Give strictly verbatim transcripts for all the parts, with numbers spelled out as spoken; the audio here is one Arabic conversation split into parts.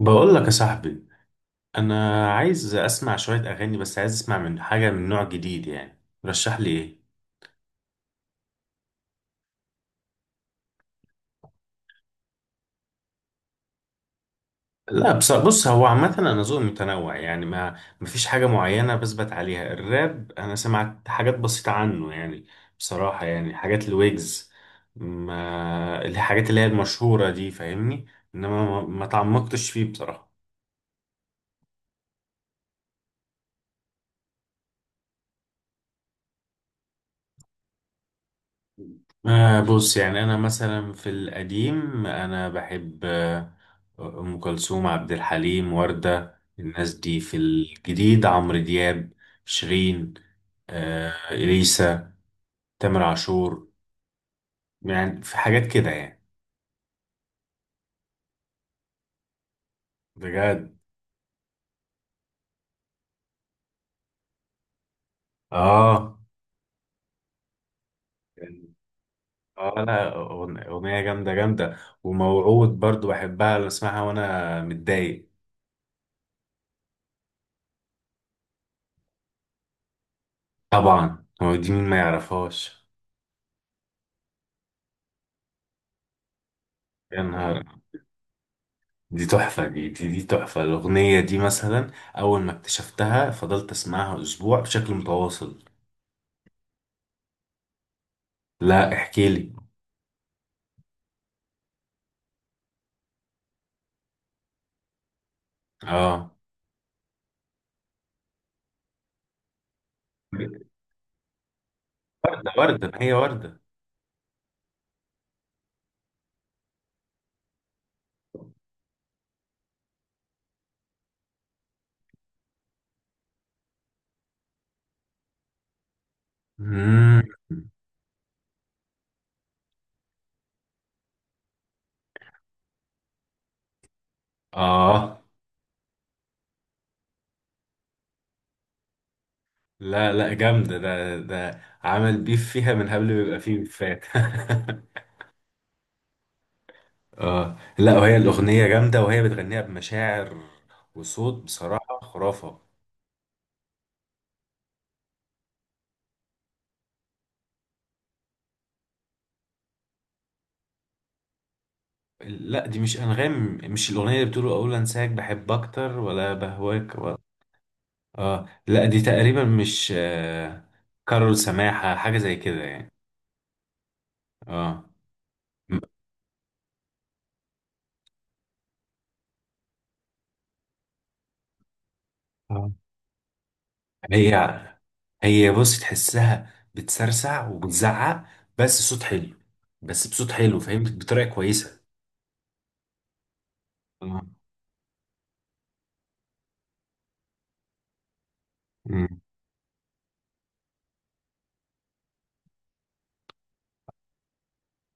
بقول لك يا صاحبي، انا عايز اسمع شويه اغاني، بس عايز اسمع من حاجه من نوع جديد يعني. رشح لي ايه؟ لا، بص بص هو عامه انا ذوقي متنوع يعني، ما مفيش حاجه معينه بثبت عليها. الراب انا سمعت حاجات بسيطه عنه يعني، بصراحه يعني حاجات الويجز، ما الحاجات اللي هي المشهوره دي، فاهمني؟ انما ما ما تعمقتش فيه بصراحه. آه بص، يعني أنا مثلا في القديم أنا بحب آه، أم كلثوم، عبد الحليم، وردة، الناس دي. في الجديد عمرو دياب، شيرين، آه إليسا، تامر عاشور، يعني في حاجات كده يعني. بجد؟ آه. يعني- آه لا، أغن- أغنية جامدة جامدة. وموعود برضو بحبها، بسمعها وأنا متضايق. طبعا، هو دي مين ما يعرفهاش؟ يا نهار! دي تحفة، دي دي دي تحفة الأغنية دي مثلا. أول ما اكتشفتها فضلت أسمعها أسبوع بشكل متواصل. لا، احكي لي. آه. ده وردة، ما هي وردة. مم. آه. لا لا، جامدة. ده ده عمل بيف فيها من قبل ما يبقى فيه بيفات. آه لا، وهي الأغنية جامدة، وهي بتغنيها بمشاعر وصوت بصراحة خرافة. لا، دي مش أنغام. مش الأغنية اللي بتقول أقول أنساك بحب أكتر ولا بهواك؟ اه. لا دي تقريبا مش، آه، كارول سماحة، حاجة زي كده يعني. اه. م- آه. هي، هي بص تحسها بتسرسع وبتزعق، بس صوت حلو، بس بصوت حلو فاهم، بطريقة كويسة. آه. مم.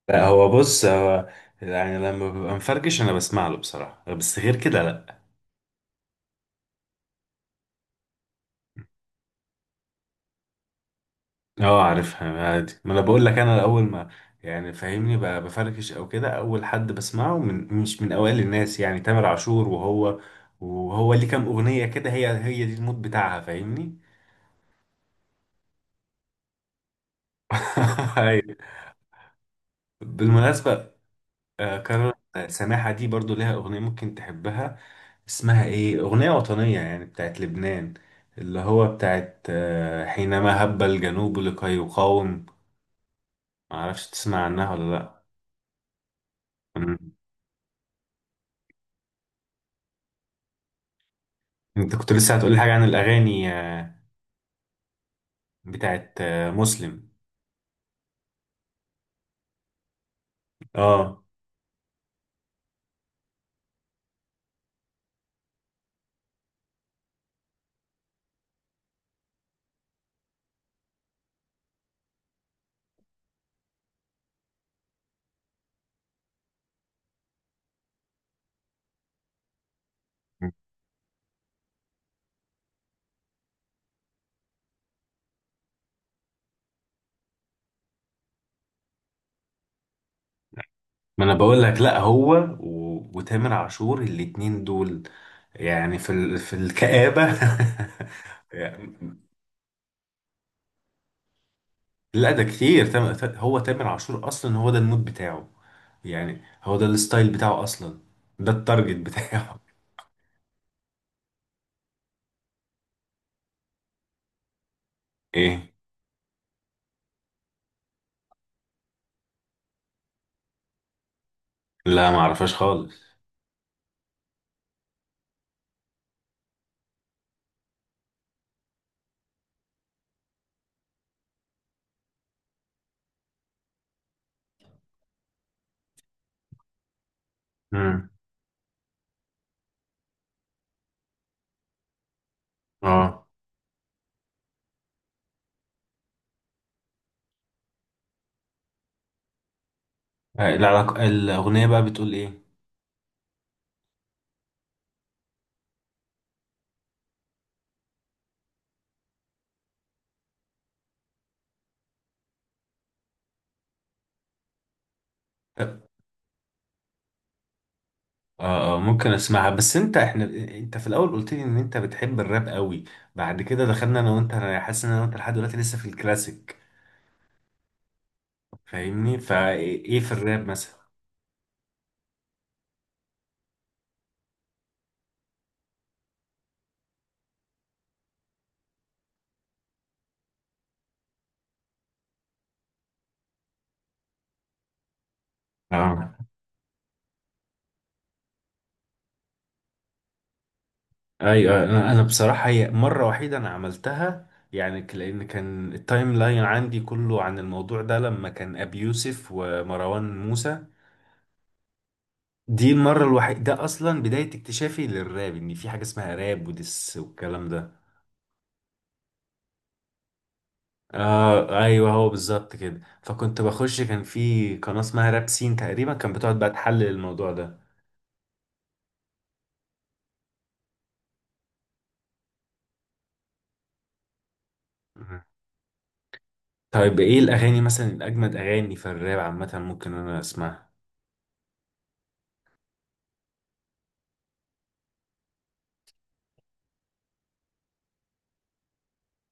لا، هو بص، هو يعني لما ببقى مفرجش انا بسمع له بصراحة، بس غير كده لا. اه عارفها عادي. ما انا بقول لك انا اول ما، يعني فاهمني، ب- بفركش او كده اول حد بسمعه، من مش من اوائل الناس يعني، تامر عاشور وهو، وهو ليه كام اغنيه كده، هي هي دي المود بتاعها فاهمني. أيوة. بالمناسبه آه، كارول سماحه دي برضو ليها اغنيه ممكن تحبها. اسمها ايه؟ اغنيه وطنيه يعني بتاعت لبنان، اللي هو بتاعت، آه، حينما هب الجنوب لكي يقاوم. معرفش تسمع عنها ولا لا؟ انت كنت لسه هتقولي حاجة عن الأغاني، آه، بتاعت آه، مسلم. اه. ما انا بقول لك، لا هو و... وتامر عاشور الاتنين دول يعني في ال... في الكآبة. يعني لا، ده كتير. تام... تا- هو تامر عاشور اصلا هو ده المود بتاعه، يعني هو ده الستايل بتاعه اصلا، ده التارجت بتاعه. ايه؟ لا ما اعرفش خالص. امم. اه. آه، العلاقة الأغنية بقى بتقول ايه؟ اه. آه، ممكن اسمعها، بس انت احنا، انت في الاول قلت لي ان انت بتحب الراب قوي، بعد كده دخلنا انا وانت، انا حاسس ان انا وانت لحد دلوقتي لسه في الكلاسيك فاهمني. فايه في الراب مثلا؟ اه ايوه، انا انا بصراحه هي مره وحيده انا عملتها يعني، ك- لان كان التايم لاين عندي كله عن الموضوع ده، لما كان ابي يوسف ومروان موسى. دي المره الوحيده، ده اصلا بدايه اكتشافي للراب، ان في حاجه اسمها راب ودس والكلام ده. اه ايوه، هو بالظبط كده. فكنت بخش، كان في قناة اسمها رابسين تقريبا، كان بتقعد بقى تحلل الموضوع ده. مم. طيب ايه الاغاني مثلا الاجمد اغاني في الراب عامة ممكن انا اسمعها؟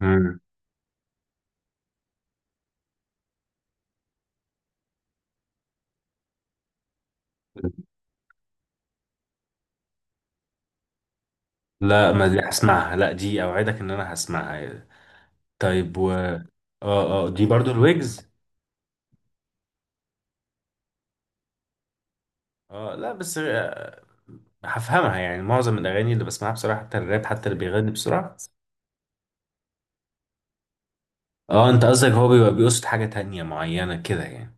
مم. لا ما دي هسمعها، لا دي اوعدك ان انا هسمعها. طيب و اه، اه دي برضو الويجز. اه لا بس، آه، هفهمها يعني. معظم الاغاني اللي بسمعها بصراحة حتى الراب، حتى اللي بيغني بسرعة. اه، انت قصدك هو بيبقى بيقصد حاجة تانية معينة كده يعني؟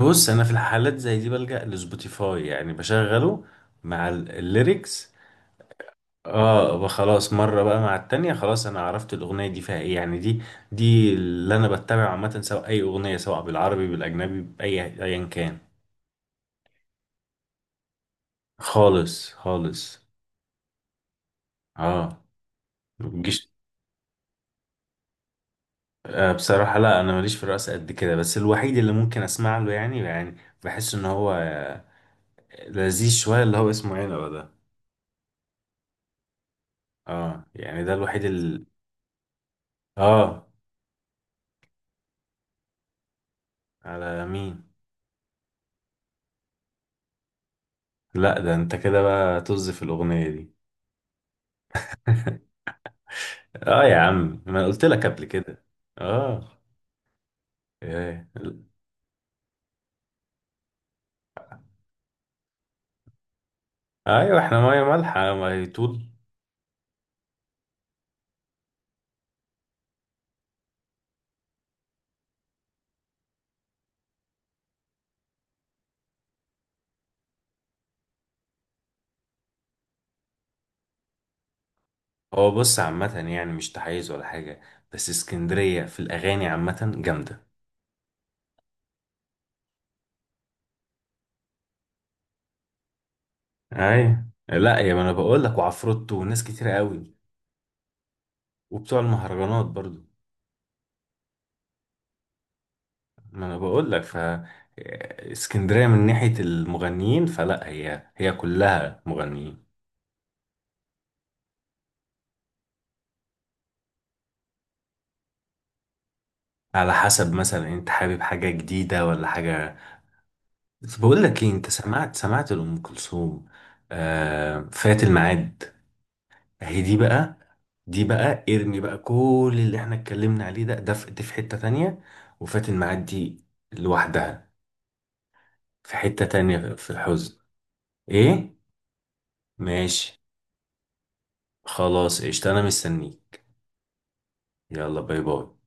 بص انا في الحالات زي دي بلجأ لسبوتيفاي، يعني بشغله مع ال- الليركس. اه بقى. خلاص مره بقى مع التانية، خلاص انا عرفت الاغنيه دي فيها ايه يعني. دي دي اللي انا بتابع عامه، سواء اي اغنيه، سواء بالعربي بالاجنبي، باي ايا كان. خالص خالص. اه. ما بتجيش. آه بصراحه لا، انا ماليش في الرقص قد كده. بس الوحيد اللي ممكن اسمع له يعني، يعني بحس ان هو لذيذ شويه، اللي هو اسمه عنبه ده. اه يعني ده الوحيد اللي. اه. على مين؟ لا ده انت كده بقى طز في الاغنيه دي. اه يا عم، ما أنا قلت لك قبل كده. اه. إيه. ايوه احنا ميه مالحه، ميه طول. هو بص عامه يعني مش تحيز ولا حاجه، بس اسكندريه في الاغاني عامه جامده. ايوه، لا يا ما انا بقول لك، وعفروتو وناس كتير قوي، وبتوع المهرجانات برضو. ما انا بقول لك، ف اسكندريه من ناحيه المغنيين فلا، هي هي كلها مغنيين. على حسب، مثلا انت حابب حاجه جديده ولا حاجه؟ بس بقول لك ايه، انت سمعت سمعت لأم كلثوم آه فات الميعاد؟ اهي دي بقى. دي بقى ارمي بقى كل اللي احنا اتكلمنا عليه ده، ده في, دي في حتة تانية. وفات الميعاد دي لوحدها في حتة تانية، في الحزن. ايه. ماشي، خلاص قشطة انا مستنيك. يلا باي باي.